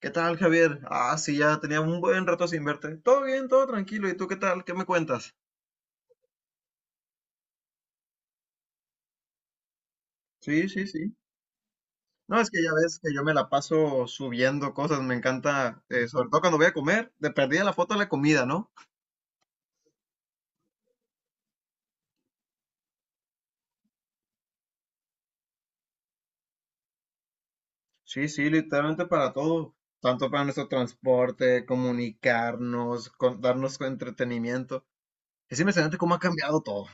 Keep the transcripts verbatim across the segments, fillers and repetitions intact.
¿Qué tal, Javier? Ah, sí, ya tenía un buen rato sin verte. Todo bien, todo tranquilo. ¿Y tú qué tal? ¿Qué me cuentas? Sí, sí, sí. No, es que ya ves que yo me la paso subiendo cosas, me encanta, eh, sobre todo cuando voy a comer, de perdida la foto de la comida, ¿no? Sí, sí, literalmente para todo, tanto para nuestro transporte, comunicarnos, con- darnos entretenimiento. Es impresionante cómo ha cambiado todo.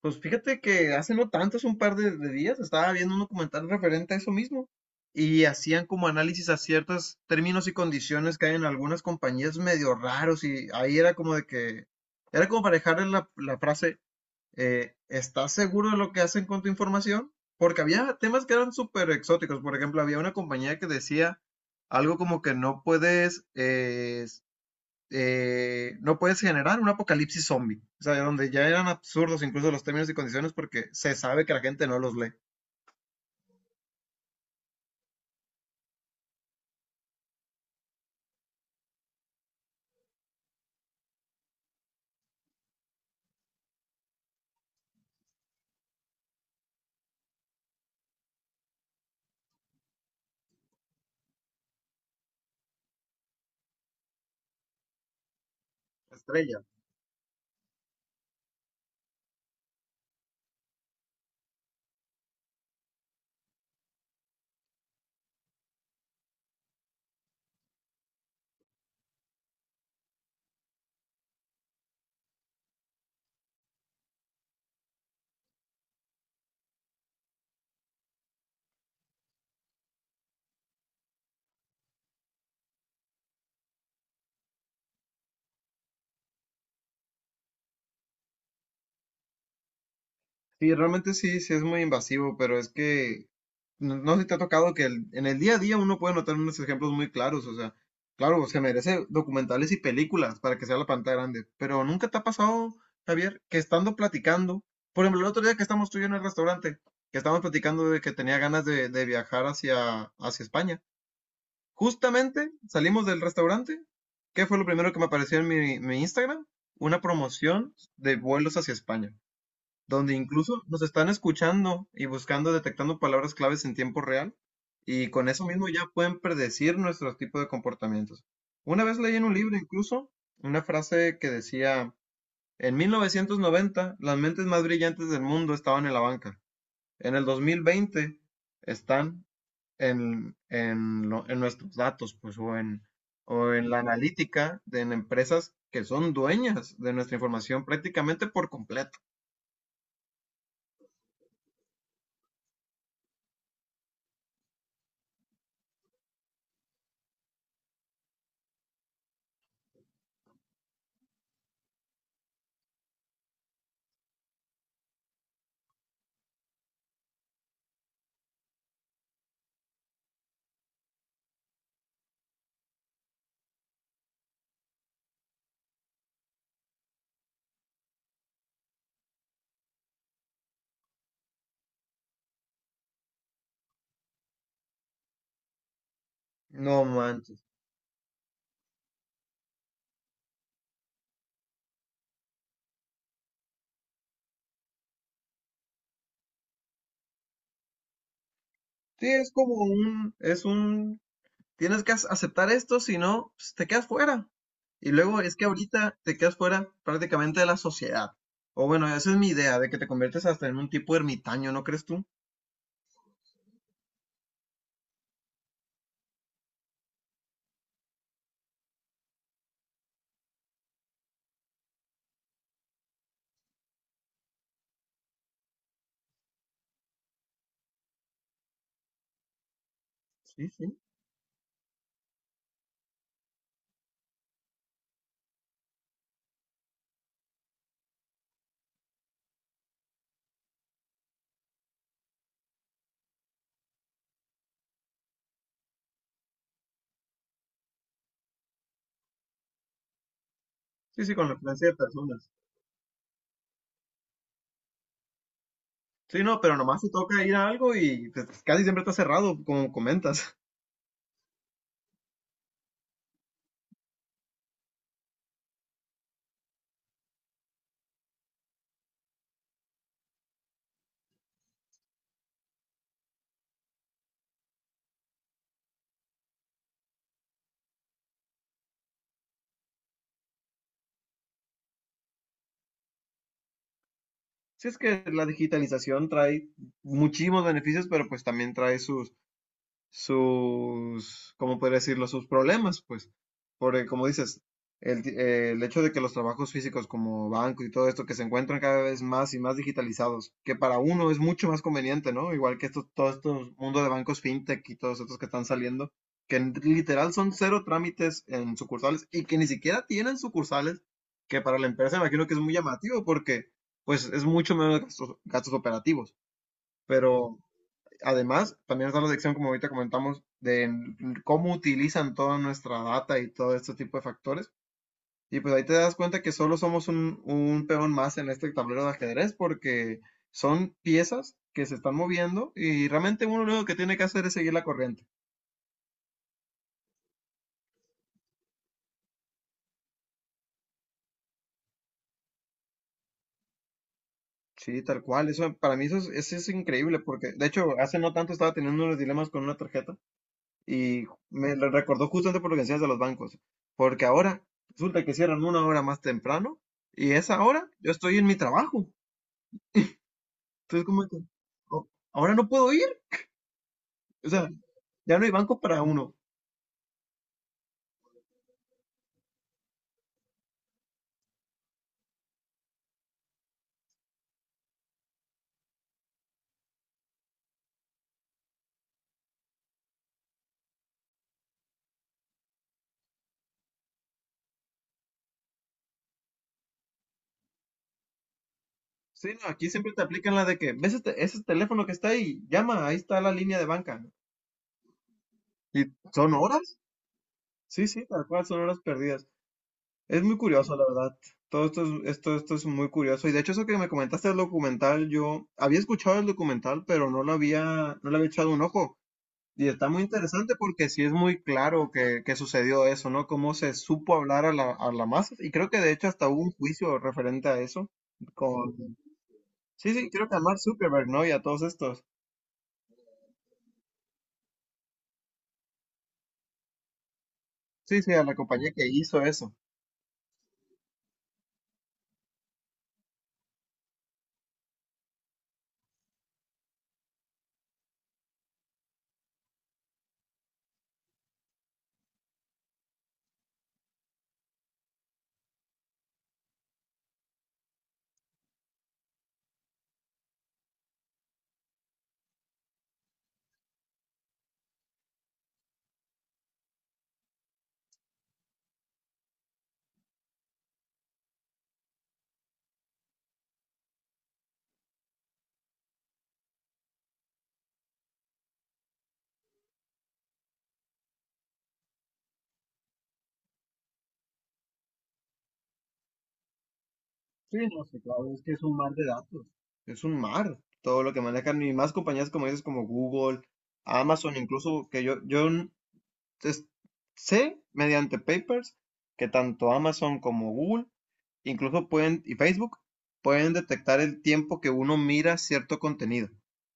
Pues fíjate que hace no tanto, hace un par de, de días, estaba viendo un documental referente a eso mismo y hacían como análisis a ciertos términos y condiciones que hay en algunas compañías medio raros y ahí era como de que, era como para dejarle la, la frase, eh, ¿estás seguro de lo que hacen con tu información? Porque había temas que eran súper exóticos, por ejemplo, había una compañía que decía algo como que no puedes, eh, eh, no puedes generar un apocalipsis zombie, o sea, donde ya eran absurdos incluso los términos y condiciones porque se sabe que la gente no los lee. Estrella. Sí, realmente sí, sí es muy invasivo, pero es que no, no sé si te ha tocado que el- en el día a día uno puede notar unos ejemplos muy claros, o sea, claro, pues se merece documentales y películas para que sea la pantalla grande, pero nunca te ha pasado, Javier, que estando platicando, por ejemplo, el otro día que estamos tú y yo en el restaurante, que estábamos platicando de que tenía ganas de, de viajar hacia, hacia España. Justamente salimos del restaurante. ¿Qué fue lo primero que me apareció en mi, mi Instagram? Una promoción de vuelos hacia España, donde incluso nos están escuchando y buscando, detectando palabras claves en tiempo real. Y con eso mismo ya pueden predecir nuestro tipo de comportamientos. Una vez leí en un libro incluso una frase que decía, en mil novecientos noventa las mentes más brillantes del mundo estaban en la banca. En el dos mil veinte están en, en lo- en nuestros datos, pues, o en, o en la analítica de en empresas que son dueñas de nuestra información prácticamente por completo. No manches. Sí, es como un, es un, tienes que ac- aceptar esto, si no, pues, te quedas fuera. Y luego es que ahorita te quedas fuera prácticamente de la sociedad. O bueno, esa es mi idea, de que te conviertes hasta en un tipo ermitaño, ¿no crees tú? Sí, sí. Sí, sí, con la influencia de personas. Sí, no, pero nomás te toca ir a algo y te- casi siempre está cerrado, como comentas. Sí, es que la digitalización trae muchísimos beneficios, pero pues también trae sus, sus, ¿cómo podría decirlo? Sus problemas, pues. Porque, como dices, el, ti- eh, el hecho de que los trabajos físicos como banco y todo esto que se encuentran cada vez más y más digitalizados, que para uno es mucho más conveniente, ¿no? Igual que estos, todo estos mundo de bancos fintech y todos estos que están saliendo, que en- literal son cero trámites en sucursales y que ni siquiera tienen sucursales, que para la empresa imagino que es muy llamativo porque pues es mucho menos gastos, gastos operativos. Pero además, también está la sección, como ahorita comentamos, de cómo utilizan toda nuestra data y todo este tipo de factores. Y pues ahí te das cuenta que solo somos un, un peón más en este tablero de ajedrez porque son piezas que se están moviendo y realmente uno lo que tiene que hacer es seguir la corriente. Sí, tal cual. Eso para mí eso es, eso es increíble porque de hecho hace no tanto estaba teniendo unos dilemas con una tarjeta. Y me lo recordó justamente por lo que decías de los bancos, porque ahora resulta que cierran una hora más temprano y esa hora yo estoy en mi trabajo. Entonces, como que, "Oh, ahora no puedo ir, o sea, ya no hay banco para uno". Sí, no, aquí siempre te aplican la de que ves este, ese teléfono que está ahí, llama, ahí está la línea de banca. Y son horas, sí, sí, tal cual, son horas perdidas. Es muy curioso, la verdad. Todo esto es, esto, esto es muy curioso. Y de hecho, eso que me comentaste del documental, yo había escuchado el documental, pero no lo había, no le había echado un ojo. Y está muy interesante porque sí es muy claro que, que sucedió eso, ¿no? Cómo se supo hablar a la, a la masa. Y creo que de hecho hasta hubo un juicio referente a eso. Con, sí, sí, creo que a Mark Zuckerberg, ¿no? Y a todos estos. Sí, sí, a la compañía que hizo eso. Sí, no sé, claro, es que es un mar de datos, es un mar, todo lo que manejan y más compañías como dices, como Google, Amazon, incluso que yo, yo n- es- sé mediante papers que tanto Amazon como Google incluso pueden, y Facebook, pueden detectar el tiempo que uno mira cierto contenido.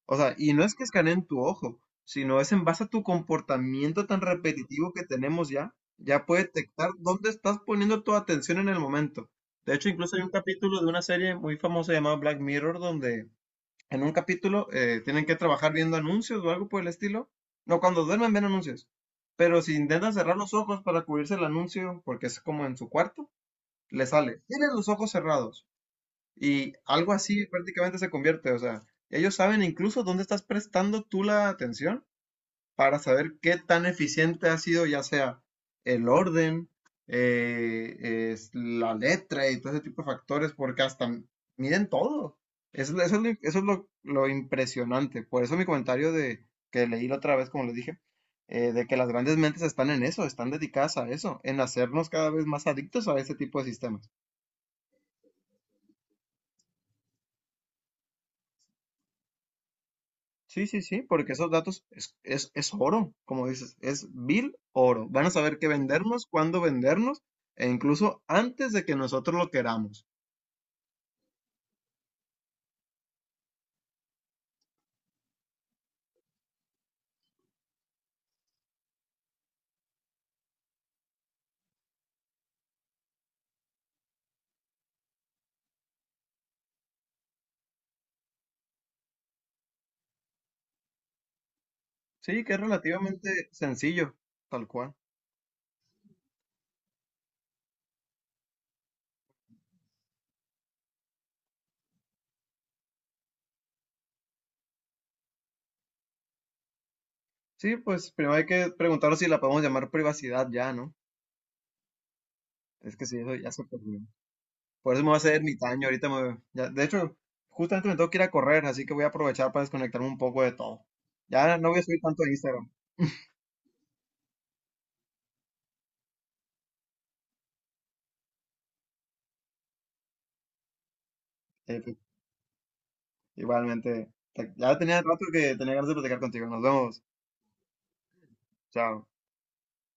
O sea, y no es que escaneen tu ojo, sino es en base a tu comportamiento tan repetitivo que tenemos ya, ya puede detectar dónde estás poniendo tu atención en el momento. De hecho, incluso hay un capítulo de una serie muy famosa llamada Black Mirror, donde en un capítulo eh, tienen que trabajar viendo anuncios o algo por el estilo. No, cuando duermen ven anuncios. Pero si intentan cerrar los ojos para cubrirse el anuncio, porque es como en su cuarto, le sale, tienes los ojos cerrados. Y algo así prácticamente se convierte, o sea, ellos saben incluso dónde estás prestando tú la atención para saber qué tan eficiente ha sido ya sea el orden, eh, es la letra y todo ese tipo de factores, porque hasta miden todo. Eso, es- eso es, lo, eso es lo, lo impresionante. Por eso mi comentario de que leí la otra vez, como les dije, eh, de que las grandes mentes están en eso, están dedicadas a eso, en hacernos cada vez más adictos a ese tipo de sistemas. Sí, sí, sí, porque esos datos es, es, es oro, como dices, es vil oro. Van a saber qué vendernos, cuándo vendernos, e incluso antes de que nosotros lo queramos. Sí, que es relativamente sencillo, tal cual. Sí, pues primero hay que preguntaros si la podemos llamar privacidad ya, ¿no? Es que sí, eso ya se perdió. Por eso me va a hacer ermitaño, ahorita me... ya- de hecho, justamente me tengo que ir a correr, así que voy a aprovechar para desconectarme un poco de todo. Ya no voy a subir tanto a Instagram. Eh, Igualmente, te- ya tenía rato que tenía ganas de platicar contigo. Nos vemos. Chao.